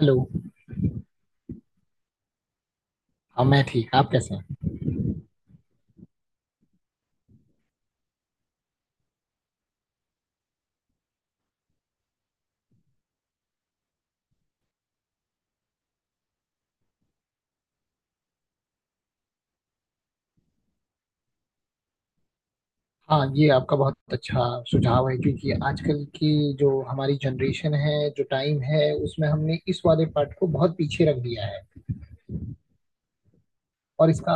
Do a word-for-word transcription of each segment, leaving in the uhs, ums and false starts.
Hello. हाँ, मैं ठीक। आप कैसे हैं? हाँ, ये आपका बहुत अच्छा सुझाव है, क्योंकि आजकल की जो हमारी जनरेशन है, जो टाइम है, उसमें हमने इस वाले पार्ट को बहुत पीछे रख दिया है। और इसका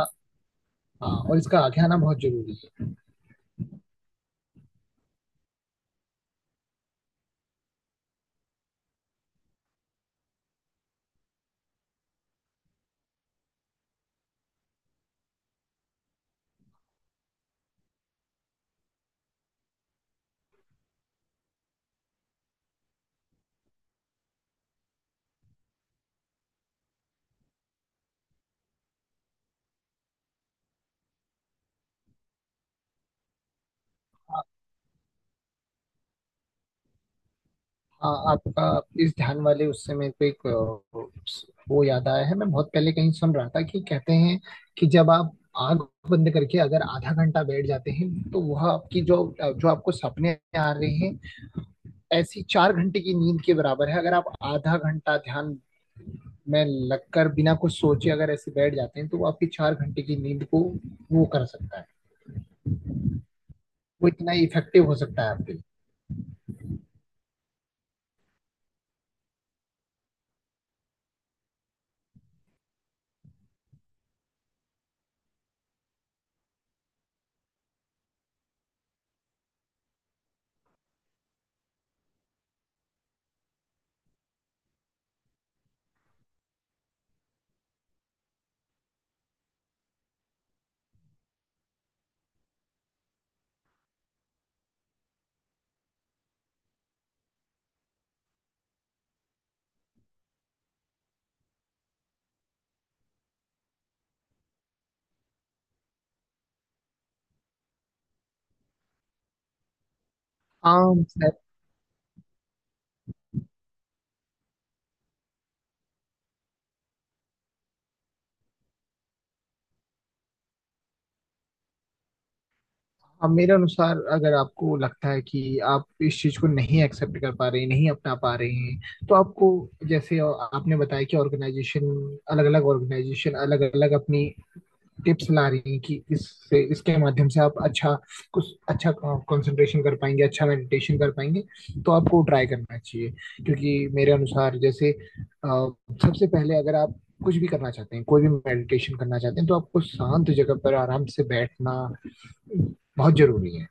हाँ, और इसका आगे आना बहुत जरूरी है। हाँ, आपका इस ध्यान वाले उस समय पे एक अ, वो याद आया है। मैं बहुत पहले कहीं सुन रहा था कि कहते हैं कि जब आप आंख बंद करके अगर आधा घंटा बैठ जाते हैं तो वह आपकी जो जो आपको सपने आ रहे हैं, ऐसी चार घंटे की नींद के बराबर है। अगर आप आधा घंटा ध्यान में लगकर बिना कुछ सोचे अगर ऐसे बैठ जाते हैं तो वो आपकी चार घंटे की नींद को वो कर सकता है। वो इतना इफेक्टिव हो सकता है आपके लिए। आम अब मेरे अनुसार अगर आपको लगता है कि आप इस चीज को नहीं एक्सेप्ट कर पा रहे हैं, नहीं अपना पा रहे हैं, तो आपको, जैसे आपने बताया कि ऑर्गेनाइजेशन, अलग अलग ऑर्गेनाइजेशन अलग अलग अपनी टिप्स ला रही हैं कि इससे इसके माध्यम से आप अच्छा, कुछ अच्छा कंसंट्रेशन कर पाएंगे, अच्छा मेडिटेशन कर पाएंगे, तो आपको ट्राई करना चाहिए। क्योंकि मेरे अनुसार, जैसे अ, सबसे पहले अगर आप कुछ भी करना चाहते हैं, कोई भी मेडिटेशन करना चाहते हैं, तो आपको शांत जगह पर आराम से बैठना बहुत जरूरी है।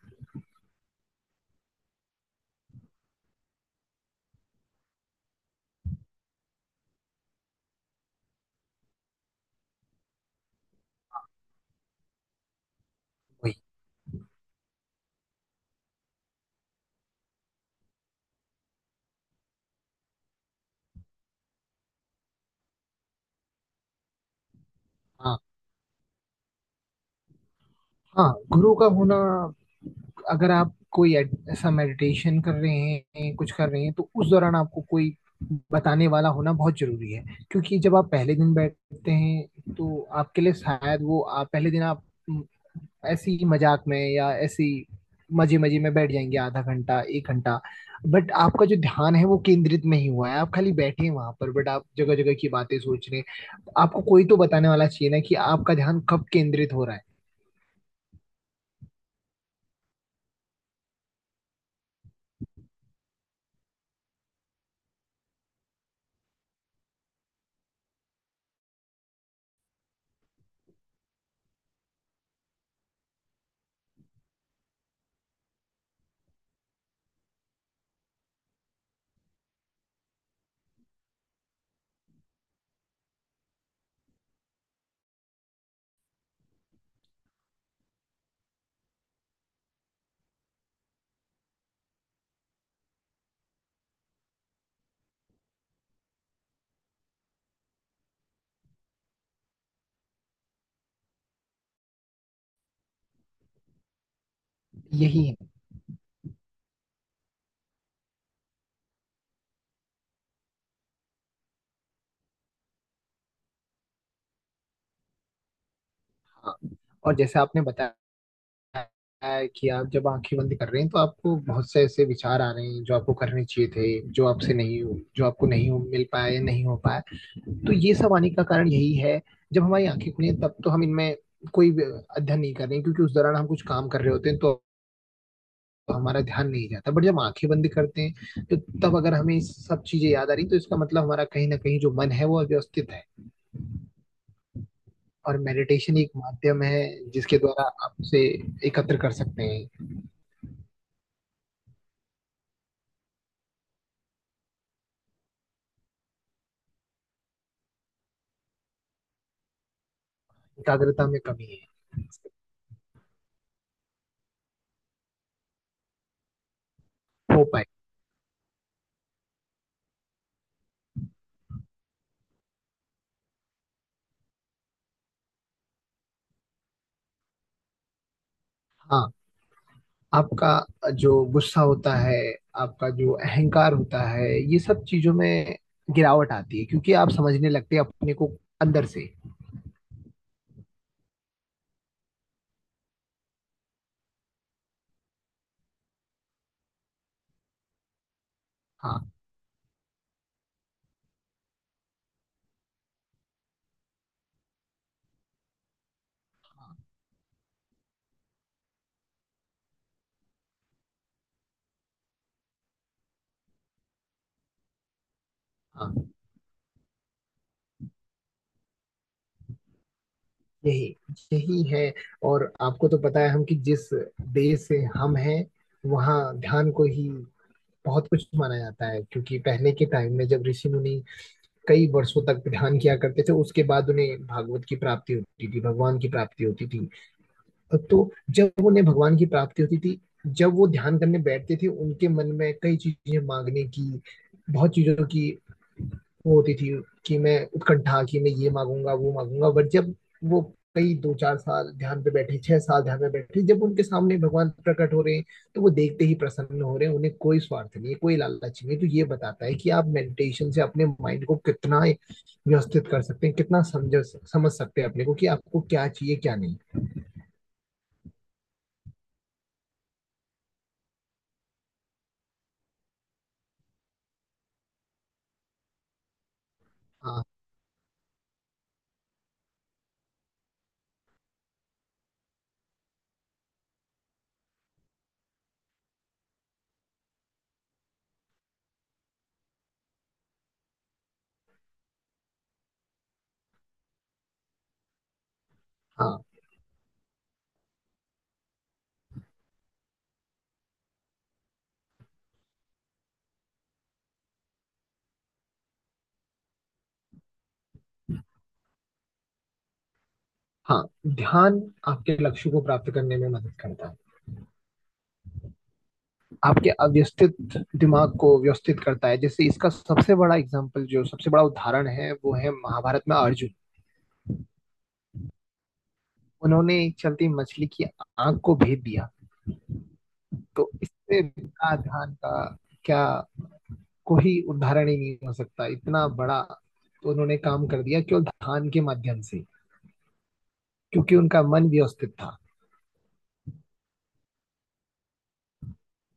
वही। हाँ, हाँ, गुरु का होना, अगर आप कोई एड- ऐसा मेडिटेशन कर रहे हैं, कुछ कर रहे हैं, तो उस दौरान आपको कोई बताने वाला होना बहुत जरूरी है। क्योंकि जब आप पहले दिन बैठते हैं तो आपके लिए शायद वो, आप पहले दिन आप म, ऐसे ही मजाक में या ऐसे ही मजे मजे में बैठ जाएंगे आधा घंटा, एक घंटा, बट आपका जो ध्यान है वो केंद्रित नहीं हुआ है। आप खाली बैठे हैं वहां पर, बट आप जगह जगह की बातें सोच रहे हैं। आपको कोई तो बताने वाला चाहिए ना कि आपका ध्यान कब केंद्रित हो रहा है। यही है। हाँ, और जैसे आपने बताया है कि आप जब आंखें बंद कर रहे हैं तो आपको बहुत से ऐसे विचार आ रहे हैं जो आपको करने चाहिए थे, जो आपसे नहीं हो, जो आपको नहीं हो, मिल पाए, नहीं हो पाए, तो ये सब आने का कारण यही है। जब हमारी आंखें खुली हैं तब तो हम इनमें कोई भी अध्ययन नहीं कर रहे हैं, क्योंकि उस दौरान हम कुछ काम कर रहे होते हैं तो हमारा ध्यान नहीं जाता। बट जब आंखें बंद करते हैं तो, तब अगर हमें सब चीजें याद आ रही तो इसका मतलब हमारा कहीं ना कहीं जो मन है वो अव्यवस्थित है। और मेडिटेशन एक माध्यम है जिसके द्वारा आपसे एकत्र कर सकते हैं। एकाग्रता में कमी है। हो पाए। हाँ, आपका जो गुस्सा होता है, आपका जो अहंकार होता है, ये सब चीजों में गिरावट आती है क्योंकि आप समझने लगते हैं अपने को अंदर से। हाँ, हाँ, हाँ, यही यही है। और आपको तो पता है हम कि जिस देश से हम हैं, वहाँ ध्यान को ही बहुत कुछ माना जाता है, क्योंकि पहले के टाइम में जब ऋषि मुनि कई वर्षों तक ध्यान किया करते थे उसके बाद उन्हें भागवत की प्राप्ति होती थी, भगवान की प्राप्ति होती थी। तो जब उन्हें भगवान की प्राप्ति होती थी, जब वो ध्यान करने बैठते थे, उनके मन में कई चीजें मांगने की, बहुत चीजों की वो होती थी। कि मैं उत्कंठा कि मैं ये मांगूंगा, वो मांगूंगा, बट जब वो कई दो चार साल ध्यान पे बैठे, छह साल ध्यान में बैठे, जब उनके सामने भगवान प्रकट हो रहे हैं तो वो देखते ही प्रसन्न हो रहे हैं, उन्हें कोई स्वार्थ नहीं है, कोई लालच नहीं है। तो ये बताता है कि आप मेडिटेशन से अपने माइंड को कितना व्यवस्थित कर सकते हैं, कितना समझ समझ सकते हैं अपने को कि आपको क्या चाहिए क्या नहीं। हाँ, हाँ, हाँ, ध्यान आपके लक्ष्य को प्राप्त करने में मदद करता है। आपके अव्यवस्थित दिमाग को व्यवस्थित करता है। जैसे इसका सबसे बड़ा एग्जाम्पल, जो सबसे बड़ा उदाहरण है, वो है महाभारत में अर्जुन। उन्होंने एक चलती मछली की आंख को भेद दिया। तो इससे बड़ा ध्यान का क्या, कोई उदाहरण ही नहीं हो सकता इतना बड़ा। तो उन्होंने काम कर दिया केवल ध्यान के माध्यम से, क्योंकि उनका मन व्यवस्थित था।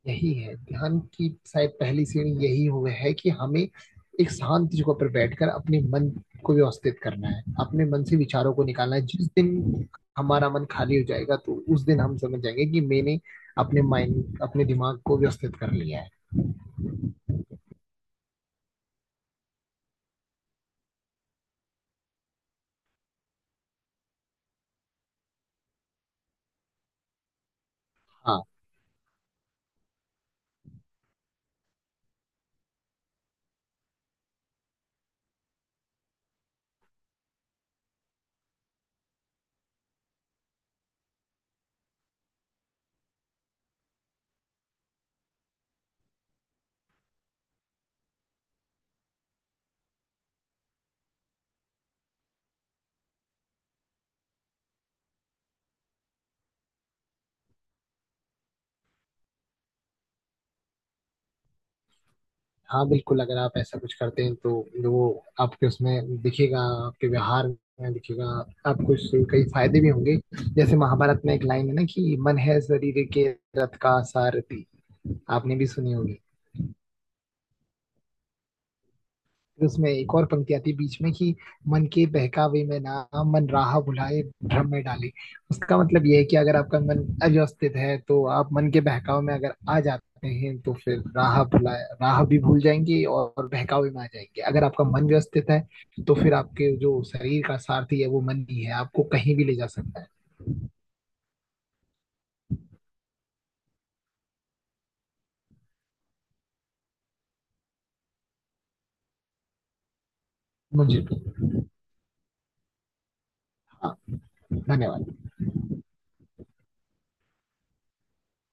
यही है ध्यान की शायद पहली सीढ़ी, यही हुए है कि हमें एक शांत जगह पर बैठकर अपने मन को व्यवस्थित करना है, अपने मन से विचारों को निकालना है। जिस दिन हमारा मन खाली हो जाएगा तो उस दिन हम समझ जाएंगे कि मैंने अपने माइंड, अपने दिमाग को व्यवस्थित कर लिया है। हाँ, हाँ, बिल्कुल, अगर आप ऐसा कुछ करते हैं तो वो आपके उसमें दिखेगा, आपके व्यवहार में दिखेगा। आपको इससे कई फायदे भी होंगे। जैसे महाभारत में एक लाइन है ना कि मन है शरीर के रथ का सारथी। आपने भी सुनी होगी। फिर उसमें एक और पंक्ति आती है बीच में, कि मन के बहकावे में ना, मन राह भुलाए भ्रम में डाले। उसका मतलब यह है कि अगर आपका मन अव्यवस्थित है तो आप मन के बहकावे में अगर आ जाते हैं तो फिर राह भुलाए, राह भी भूल जाएंगे और बहकावे में आ जाएंगे। अगर आपका मन व्यवस्थित है तो फिर आपके जो शरीर का सारथी है वो मन ही है, आपको कहीं भी ले जा सकता है। मुझे, हाँ, धन्यवाद।